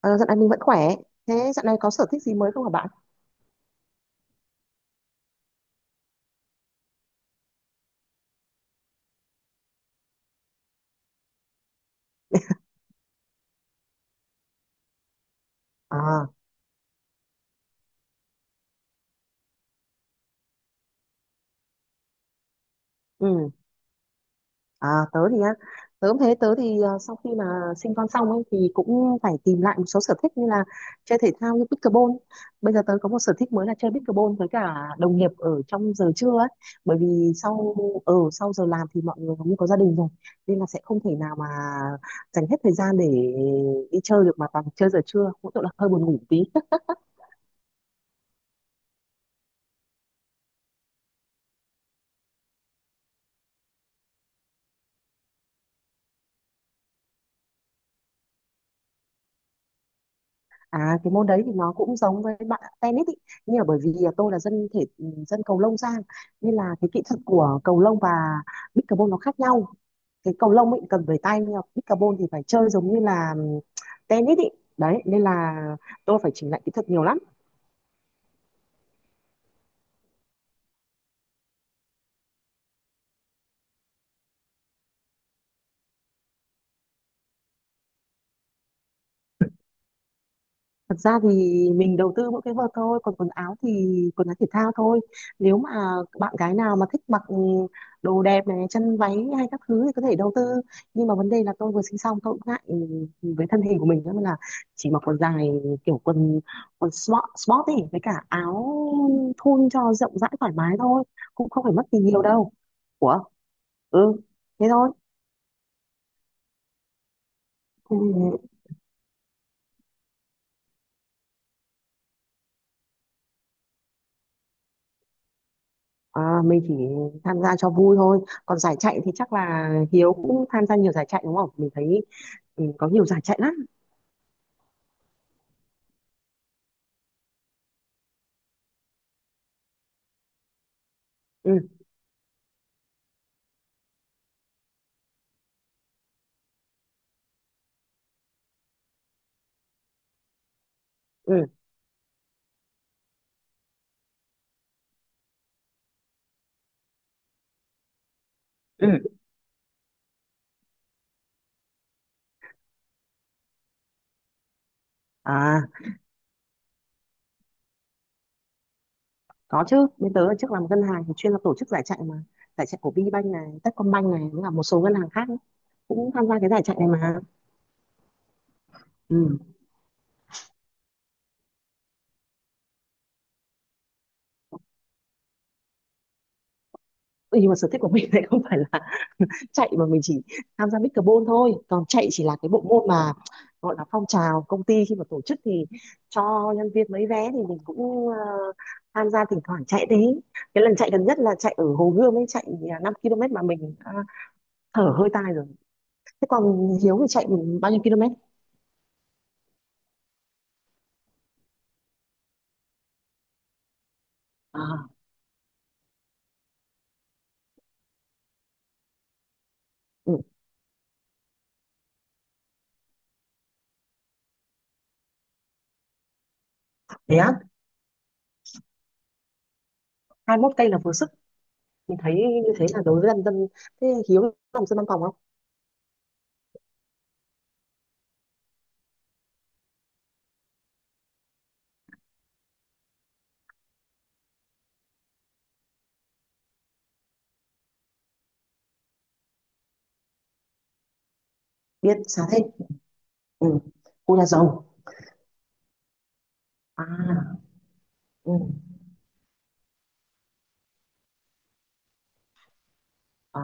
Ờ, dạo này mình vẫn khỏe. Thế dạo này có sở thích gì mới không hả bạn? À, ừ. À, tớ thì á, tớ cũng thế sau khi mà sinh con xong ấy thì cũng phải tìm lại một số sở thích như là chơi thể thao như pickleball. Bây giờ tớ có một sở thích mới là chơi pickleball với cả đồng nghiệp ở trong giờ trưa ấy. Bởi vì sau Ở sau giờ làm thì mọi người cũng có gia đình rồi nên là sẽ không thể nào mà dành hết thời gian để đi chơi được, mà toàn chơi giờ trưa. Mỗi tội là hơi buồn ngủ tí. À, cái môn đấy thì nó cũng giống với bạn tennis ý. Nhưng mà bởi vì tôi là dân cầu lông sang, nên là cái kỹ thuật của cầu lông và pickleball nó khác nhau. Cái cầu lông ấy cần về tay, nhưng mà pickleball thì phải chơi giống như là tennis ý. Đấy nên là tôi phải chỉnh lại kỹ thuật nhiều lắm. Thật ra thì mình đầu tư mỗi cái vợt thôi, còn quần áo thì quần áo thể thao thôi. Nếu mà bạn gái nào mà thích mặc đồ đẹp này, chân váy hay các thứ thì có thể đầu tư. Nhưng mà vấn đề là tôi vừa sinh xong tôi cũng ngại với thân hình của mình, nên là chỉ mặc quần dài, kiểu quần quần sport, sport ấy, với cả áo thun cho rộng rãi thoải mái thôi, cũng không phải mất gì nhiều đâu. Ủa, ừ, thế thôi. Ừ. À, mình chỉ tham gia cho vui thôi. Còn giải chạy thì chắc là Hiếu cũng tham gia nhiều giải chạy đúng không? Mình thấy ừ, có nhiều giải chạy lắm. Ừ, ừ, ừ. À, có chứ. Bên tớ trước làm ngân hàng thì chuyên là tổ chức giải chạy mà. Giải chạy của VPBank này, Techcombank này, với cả một số ngân hàng khác ấy, cũng tham gia cái giải chạy này mà. Ừ. Ừ, nhưng mà sở thích của mình lại không phải là chạy, mà mình chỉ tham gia pickleball thôi. Còn chạy chỉ là cái bộ môn mà gọi là phong trào công ty, khi mà tổ chức thì cho nhân viên mấy vé thì mình cũng tham gia thỉnh thoảng chạy đấy. Cái lần chạy gần nhất là chạy ở Hồ Gươm ấy, chạy 5 km mà mình thở hơi tai rồi. Thế còn Hiếu thì chạy bao nhiêu km? À, ừ. Thế á, 21 cây là vừa sức. Mình thấy như thế là đối với dân dân, thế Hiếu làm dân văn phòng không? Biết xá thế, ừ. Cô là giàu à, ừ. À,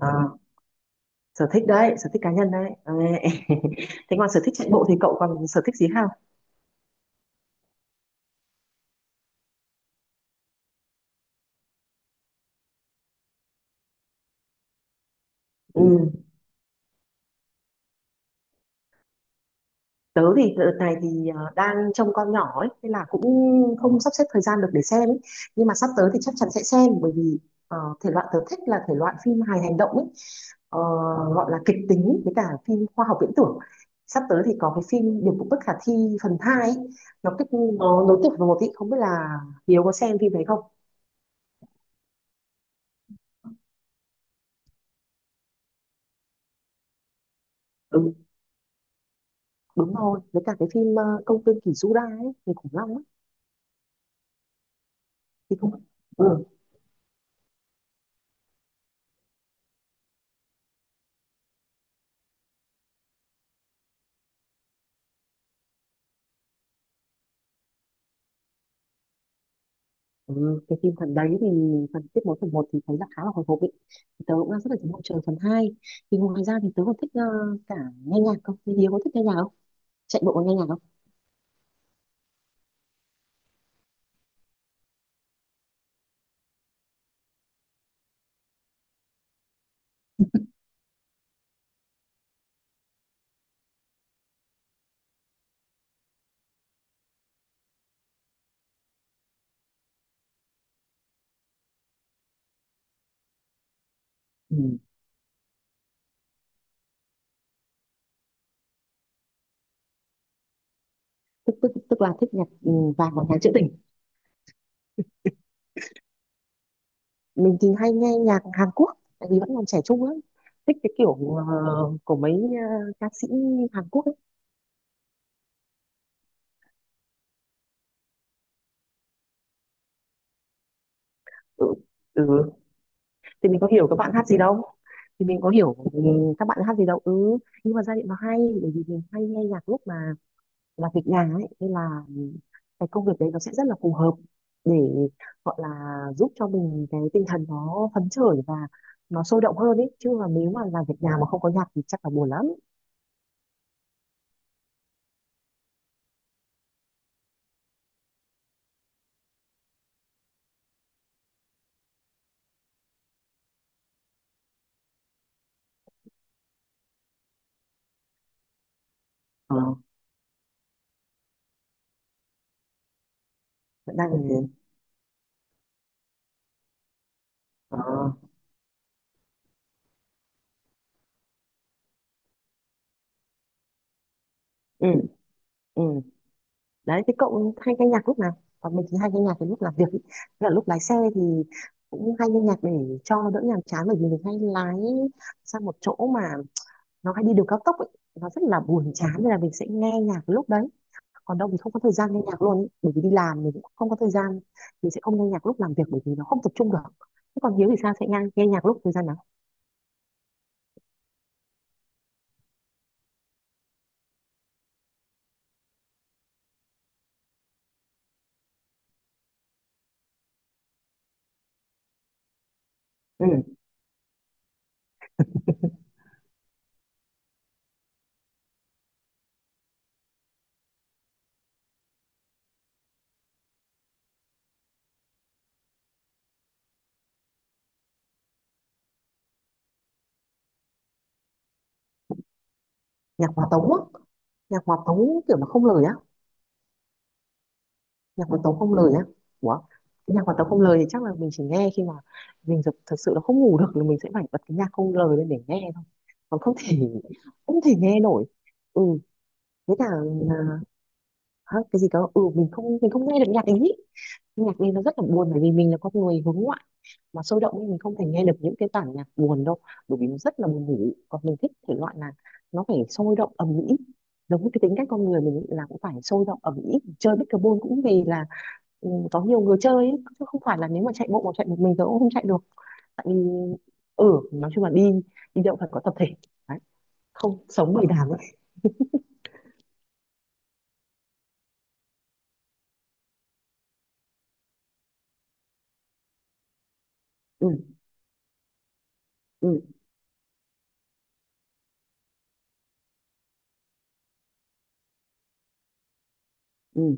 à. Sở thích đấy, sở thích cá nhân đấy. Ờ, thế còn sở thích chạy bộ thì cậu còn sở thích gì không? Ừ. Tớ thì đợt này thì đang trông con nhỏ ấy nên là cũng không sắp xếp thời gian được để xem ấy. Nhưng mà sắp tới thì chắc chắn sẽ xem, bởi vì thể loại tớ thích là thể loại phim hài hành động ấy. Ờ, gọi là kịch tính, với cả phim khoa học viễn tưởng. Sắp tới thì có cái phim Điệp vụ bất khả thi phần hai ấy. Nó kết, nó nối tiếp vào một ý, không biết là Hiếu có xem phim đấy không. Ừ, đúng rồi, với cả cái phim công viên kỷ Jura ấy, người khủng long ấy thì cũng ừ. Ừ. Cái phim phần đấy thì phần tiết mối, phần một thì thấy là khá là hồi hộp ấy, thì tớ cũng đang rất là chờ mong chờ phần hai. Thì ngoài ra thì tớ còn thích cả nghe nhạc. Không thì Hiếu có thích nghe nhạc không? Chạy bộ có nghe nhạc không? Ừ. tức tức tức là thích nhạc vàng và nhạc trữ tình. Mình thì hay nghe nhạc Hàn Quốc, tại vì vẫn còn trẻ trung lắm. Thích cái kiểu của mấy ca sĩ Hàn Quốc ấy. Ừ. Ừ. Thì mình có hiểu các bạn hát gì đâu, thì mình có hiểu ừ, các bạn hát gì đâu ừ. Nhưng mà giai điệu nó hay, bởi vì mình hay nghe nhạc lúc mà là việc nhà ấy, nên là cái công việc đấy nó sẽ rất là phù hợp để gọi là giúp cho mình cái tinh thần nó phấn khởi và nó sôi động hơn ấy. Chứ mà nếu mà làm việc nhà mà không có nhạc thì chắc là buồn lắm. Ờ, vẫn đang ok. Ờ, ừ, ừ. Đấy, thế cậu hay nghe nhạc lúc nào? Còn mình thì hay nghe nhạc cái lúc làm việc ý. Tức là lúc lái xe thì cũng hay nghe nhạc để cho đỡ nhàm chán, bởi vì mình hay lái sang một chỗ mà nó hay đi đường cao tốc ấy. Nó rất là buồn chán nên là mình sẽ nghe nhạc lúc đấy. Còn đâu thì không có thời gian nghe nhạc luôn ý, bởi vì đi làm mình cũng không có thời gian. Mình sẽ không nghe nhạc lúc làm việc, bởi vì nó không tập trung được. Thế còn Hiếu thì sao, sẽ nghe, nghe nhạc lúc thời gian nào? Ừ. Nhạc hòa tấu á. Nhạc hòa tấu kiểu mà không lời á. Nhạc hòa tấu không lời á. Ủa? Cái nhạc hòa tấu không lời thì chắc là mình chỉ nghe khi mà mình thực, thực sự là không ngủ được, là mình sẽ phải bật cái nhạc không lời lên để nghe thôi, còn không thể, không thể nghe nổi ừ. Với cả à, hả, cái gì cơ? Ừ mình không, mình không nghe được nhạc ý. Nhạc đi nó rất là buồn, bởi vì mình là con người hướng ngoại mà sôi động, nên mình không thể nghe được những cái bản nhạc buồn đâu, bởi vì nó rất là buồn ngủ. Còn mình thích thể loại là nó phải sôi động ầm ĩ, giống như cái tính cách con người mình là cũng phải sôi động ầm ĩ. Chơi pickleball cũng vì là ừ, có nhiều người chơi ý. Chứ không phải là, nếu mà chạy bộ mà chạy một mình thì cũng không chạy được, tại vì ừ, nói chung là đi, đi đâu phải có tập thể. Đấy. Không sống bầy đàn ấy, ừ, ừ, ừ.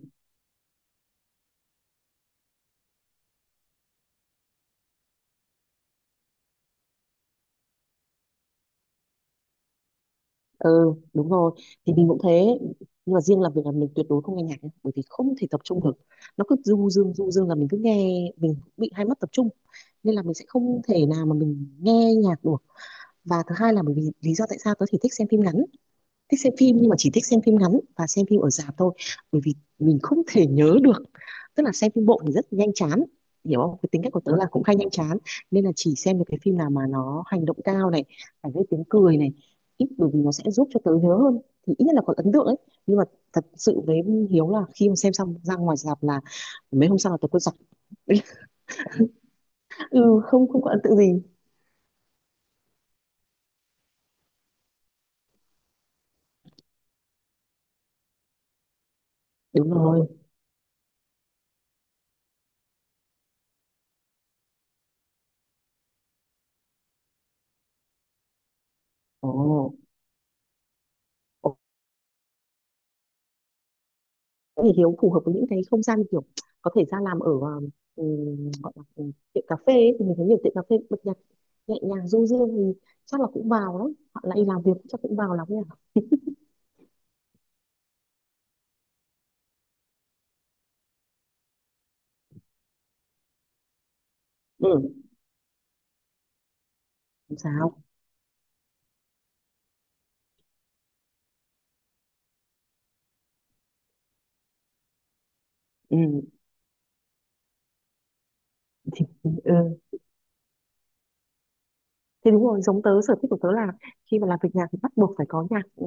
Ừ, đúng rồi, thì mình cũng thế. Nhưng mà riêng làm việc là mình tuyệt đối không nghe nhạc nhé, bởi vì không thể tập trung được. Nó cứ du dương là mình cứ nghe, mình bị hai mắt tập trung, nên là mình sẽ không thể nào mà mình nghe nhạc được. Và thứ hai là bởi vì lý do tại sao tớ thì thích xem phim ngắn, thích xem phim, nhưng mà chỉ thích xem phim ngắn và xem phim ở rạp thôi. Bởi vì mình không thể nhớ được, tức là xem phim bộ thì rất nhanh chán, hiểu không, cái tính cách của tớ là cũng hay nhanh chán. Nên là chỉ xem được cái phim nào mà nó hành động cao này, phải gây tiếng cười này, ít, bởi vì nó sẽ giúp cho tớ nhớ hơn, thì ít nhất là có ấn tượng ấy. Nhưng mà thật sự với Hiếu là khi mà xem xong ra ngoài rạp là mấy hôm sau là tớ quên sạch. Ừ, không, không có ấn tượng gì. Đúng rồi. Ồ, thì Hiếu phù hợp với những cái không gian kiểu có thể ra làm ở gọi là ừ, tiệm cà phê ấy. Thì mình thấy nhiều tiệm cà phê bật nhạc nhẹ nhàng du dương, thì chắc là cũng vào đó họ lại làm việc chắc cũng vào lắm nhỉ. Ừ, không sao, ừ. Thì, ừ, thế đúng rồi, giống tớ. Sở thích của tớ là khi mà làm việc nhạc thì bắt buộc phải có nhạc ừ,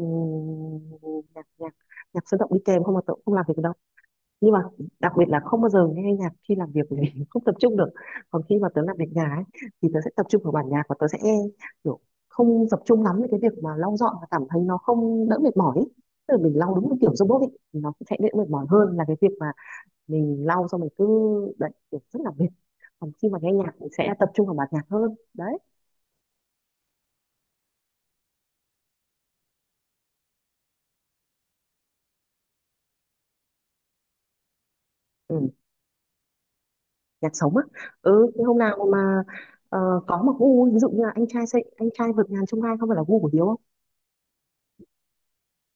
nhạc nhạc nhạc sôi động đi kèm, không mà tớ cũng không làm việc được đâu. Nhưng mà đặc biệt là không bao giờ nghe nhạc khi làm việc, bởi vì không tập trung được. Còn khi mà tớ làm việc nhà ấy, thì tớ sẽ tập trung vào bản nhạc và tớ sẽ kiểu không tập trung lắm với cái việc mà lau dọn, và cảm thấy nó không đỡ mệt mỏi ấy. Tức là mình lau đúng một kiểu robot ấy, thì nó cũng sẽ đỡ mệt mỏi hơn là cái việc mà mình lau xong mình cứ đấy, kiểu rất là mệt. Còn khi mà nghe nhạc thì sẽ tập trung vào bản nhạc hơn đấy. Ừ, nhạc sống á. Ừ, thế hôm nào mà có một gu, ví dụ như là anh trai, sẽ anh trai vượt ngàn chông gai không phải là gu của Hiếu.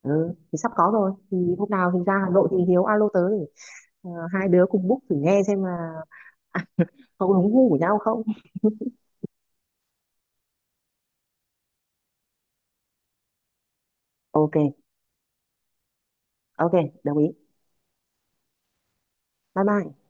Ừ, thì sắp có rồi, thì hôm nào thì ra Hà Nội thì Hiếu alo tớ để hai đứa cùng book thử nghe xem là có đúng gu của nhau không. Ok, ok, đồng ý. Bye bye.